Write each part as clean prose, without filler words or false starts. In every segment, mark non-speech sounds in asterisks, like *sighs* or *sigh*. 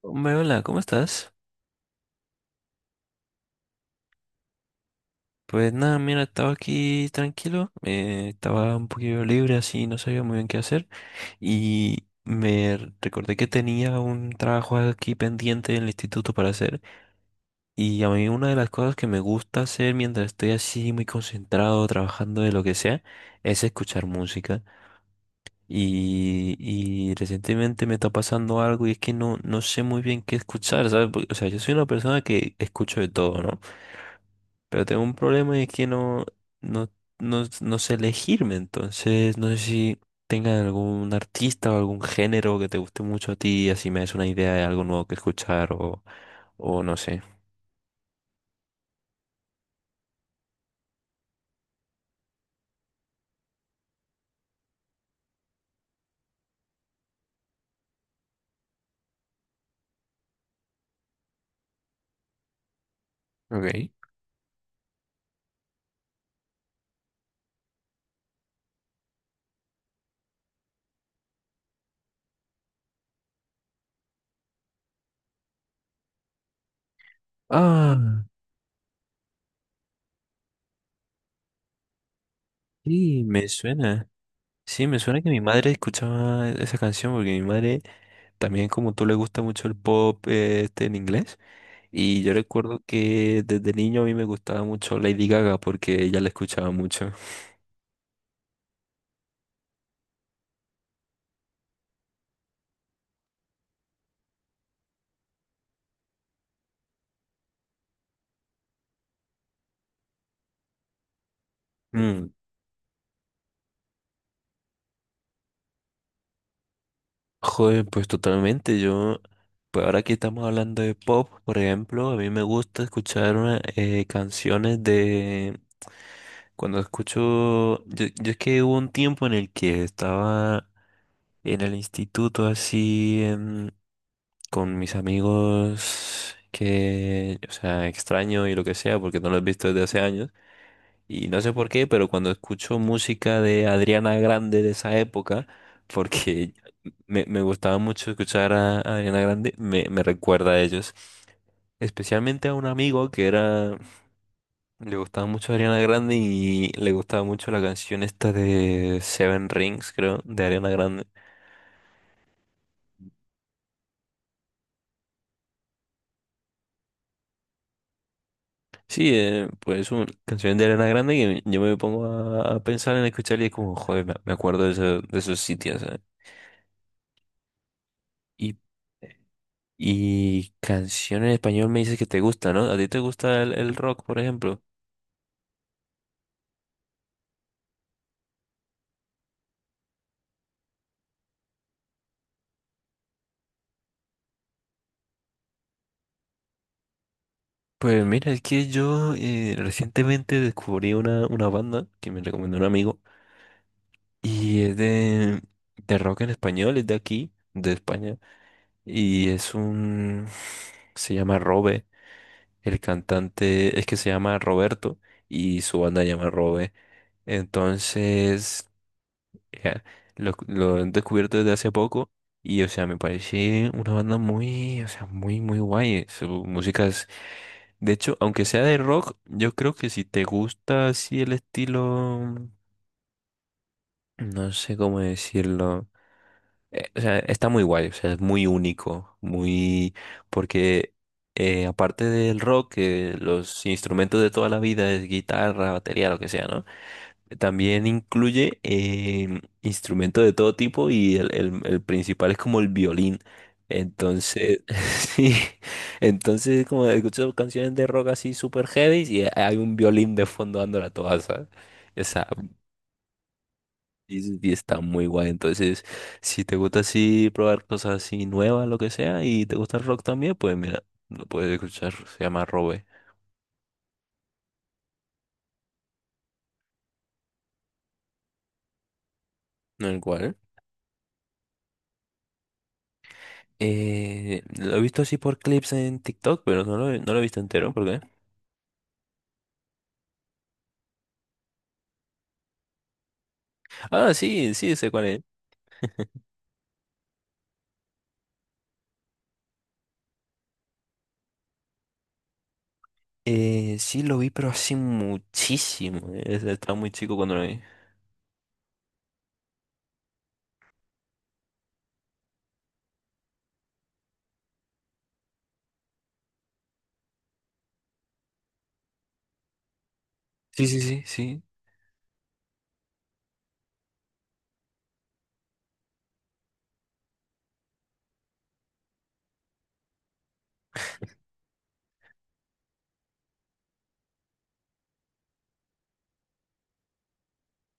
Hombre, hola, ¿cómo estás? Pues nada, mira, estaba aquí tranquilo, estaba un poquillo libre así, no sabía muy bien qué hacer y me recordé que tenía un trabajo aquí pendiente en el instituto para hacer. Y a mí una de las cosas que me gusta hacer mientras estoy así muy concentrado trabajando de lo que sea es escuchar música. Y recientemente me está pasando algo y es que no sé muy bien qué escuchar, ¿sabes? Porque, o sea, yo soy una persona que escucho de todo, ¿no? Pero tengo un problema y es que no, no sé elegirme, entonces no sé si tenga algún artista o algún género que te guste mucho a ti y así me des una idea de algo nuevo que escuchar, o no sé. Ok. Ah, sí, me suena. Sí, me suena que mi madre escuchaba esa canción porque mi madre también como tú le gusta mucho el pop, este en inglés, y yo recuerdo que desde niño a mí me gustaba mucho Lady Gaga porque ella la escuchaba mucho. Joder, pues totalmente. Yo, pues ahora que estamos hablando de pop, por ejemplo, a mí me gusta escuchar canciones de... Cuando escucho... Yo es que hubo un tiempo en el que estaba en el instituto así con mis amigos que, o sea, extraño y lo que sea, porque no los he visto desde hace años. Y no sé por qué, pero cuando escucho música de Adriana Grande de esa época, *laughs* porque me gustaba mucho escuchar a Adriana Grande, me recuerda a ellos. Especialmente a un amigo que era, le gustaba mucho Ariana Grande y le gustaba mucho la canción esta de Seven Rings, creo, de Ariana Grande. Sí, pues una canción de Ariana Grande que yo me pongo a pensar en escuchar y es como, joder, me acuerdo de, de esos sitios, ¿sabes? Y y canción en español me dices que te gusta, ¿no? ¿A ti te gusta el rock, por ejemplo? Pues mira, es que yo recientemente descubrí una banda que me recomendó un amigo y es de rock en español, es de aquí, de España, y es un... se llama Robe, el cantante es que se llama Roberto y su banda se llama Robe. Entonces... Ya, Lo he descubierto desde hace poco y, o sea, me parece una banda muy, o sea, muy, muy guay. Su música es, de hecho, aunque sea de rock, yo creo que si te gusta así el estilo, no sé cómo decirlo, o sea, está muy guay, o sea, es muy único, muy, porque aparte del rock, que los instrumentos de toda la vida es guitarra, batería, lo que sea, ¿no? También incluye instrumentos de todo tipo y el principal es como el violín. Entonces, *laughs* sí, entonces como escucho canciones de rock así super heavy y hay un violín de fondo dándola toda, ¿sabes? Esa, y está muy guay. Entonces, si te gusta así probar cosas así nuevas, lo que sea, y te gusta el rock también, pues mira, lo puedes escuchar, se llama Robe. El cual, lo he visto así por clips en TikTok, pero no lo he visto entero, ¿por qué? Ah, sí, sí, sé cuál es. Sí, lo vi, pero hace muchísimo. O sea, estaba muy chico cuando lo vi. Sí, sí, sí, sí.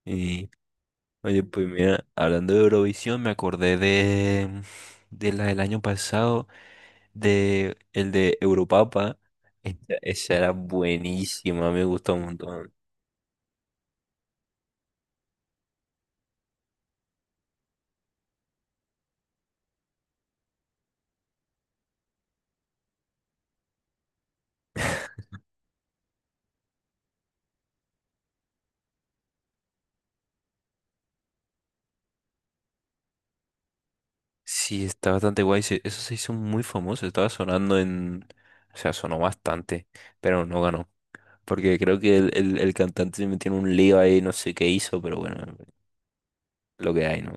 Y oye, pues mira, hablando de Eurovisión, me acordé de la del año pasado, de el de Europapa. Esa era buenísima, me gustó un montón. Sí, está bastante guay. Eso se hizo muy famoso, estaba sonando en... O sea, sonó bastante, pero no ganó. Porque creo que el cantante se metió en un lío ahí, no sé qué hizo, pero bueno, lo que hay, ¿no?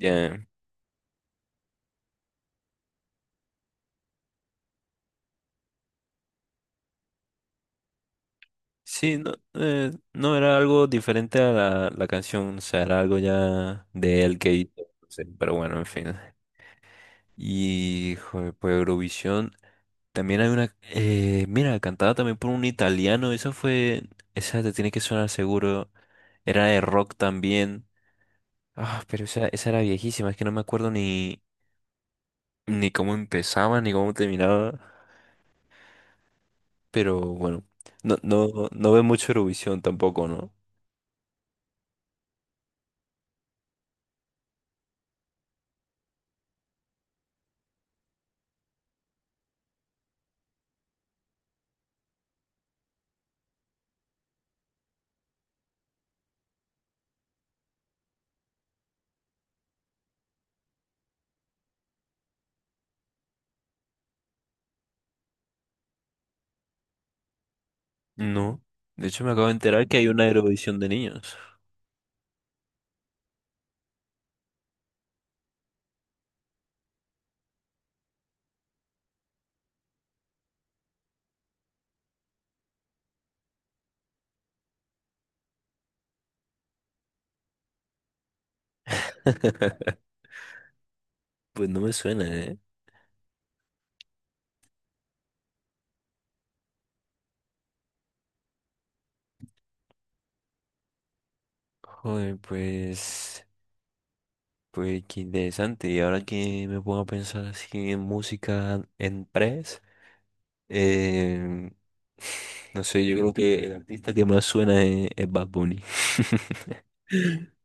Ya, sí, no, no era algo diferente a la canción, o sea, era algo ya de él que hizo, no sé, pero bueno, en fin. Y, joder, pues Eurovisión, también hay una, mira, cantada también por un italiano, esa fue, esa te tiene que sonar seguro, era de rock también. Ah, pero esa era viejísima, es que no me acuerdo ni, ni cómo empezaba, ni cómo terminaba. Pero bueno, no ve mucho Eurovisión tampoco, ¿no? No. De hecho, me acabo de enterar que hay una Eurovisión de niños. *laughs* Pues no me suena, ¿eh? Joder, pues, pues qué interesante. Y ahora que me pongo a pensar así en música en press, eh, *laughs* no sé, yo creo que el artista que más suena es Bad Bunny. *laughs*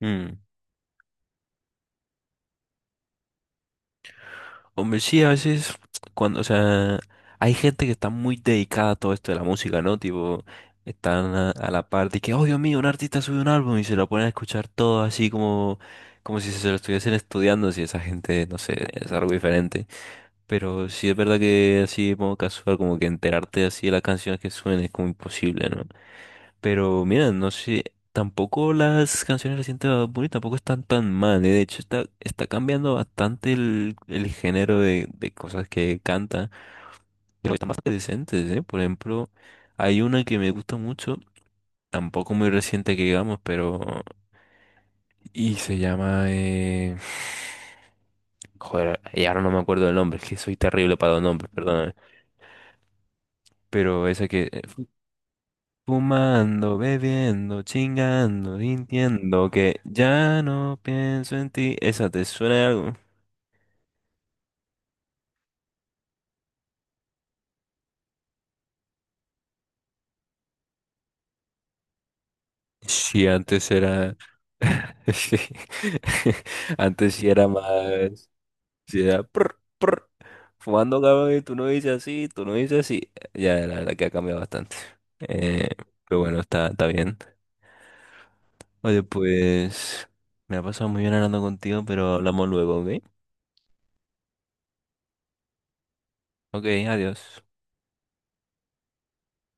Mm. Hombre, sí, a veces, cuando, o sea, hay gente que está muy dedicada a todo esto de la música, ¿no? Tipo, están a la par de que, oh Dios mío, un artista sube un álbum y se lo ponen a escuchar todo así como, como si se lo estuviesen estudiando, si esa gente, no sé, es algo diferente. Pero sí es verdad que así, como casual, como que enterarte así de las canciones que suenen es como imposible, ¿no? Pero mira, no sé, tampoco las canciones recientes de Bad Bunny tampoco están tan mal, eh. De hecho, está cambiando bastante el género de cosas que canta, pero están bastante decentes, ¿eh? Por ejemplo, hay una que me gusta mucho, tampoco muy reciente que digamos, pero... Y se llama... *sighs* Joder, y ahora no me acuerdo del nombre, es que soy terrible para los nombres, perdóname. Pero esa que... fumando, bebiendo, chingando, sintiendo que ya no pienso en ti. ¿Esa te suena de algo? Sí, antes era. *laughs* Sí. *laughs* Antes sí era más. Sí era. Prr, prr. Fumando, cabrón, y tú no dices así, tú no dices así. Ya, la verdad que ha cambiado bastante. Eh, pero bueno, está, está bien. Oye, pues. Me ha pasado muy bien hablando contigo, pero hablamos luego, ¿ok? Ok, adiós.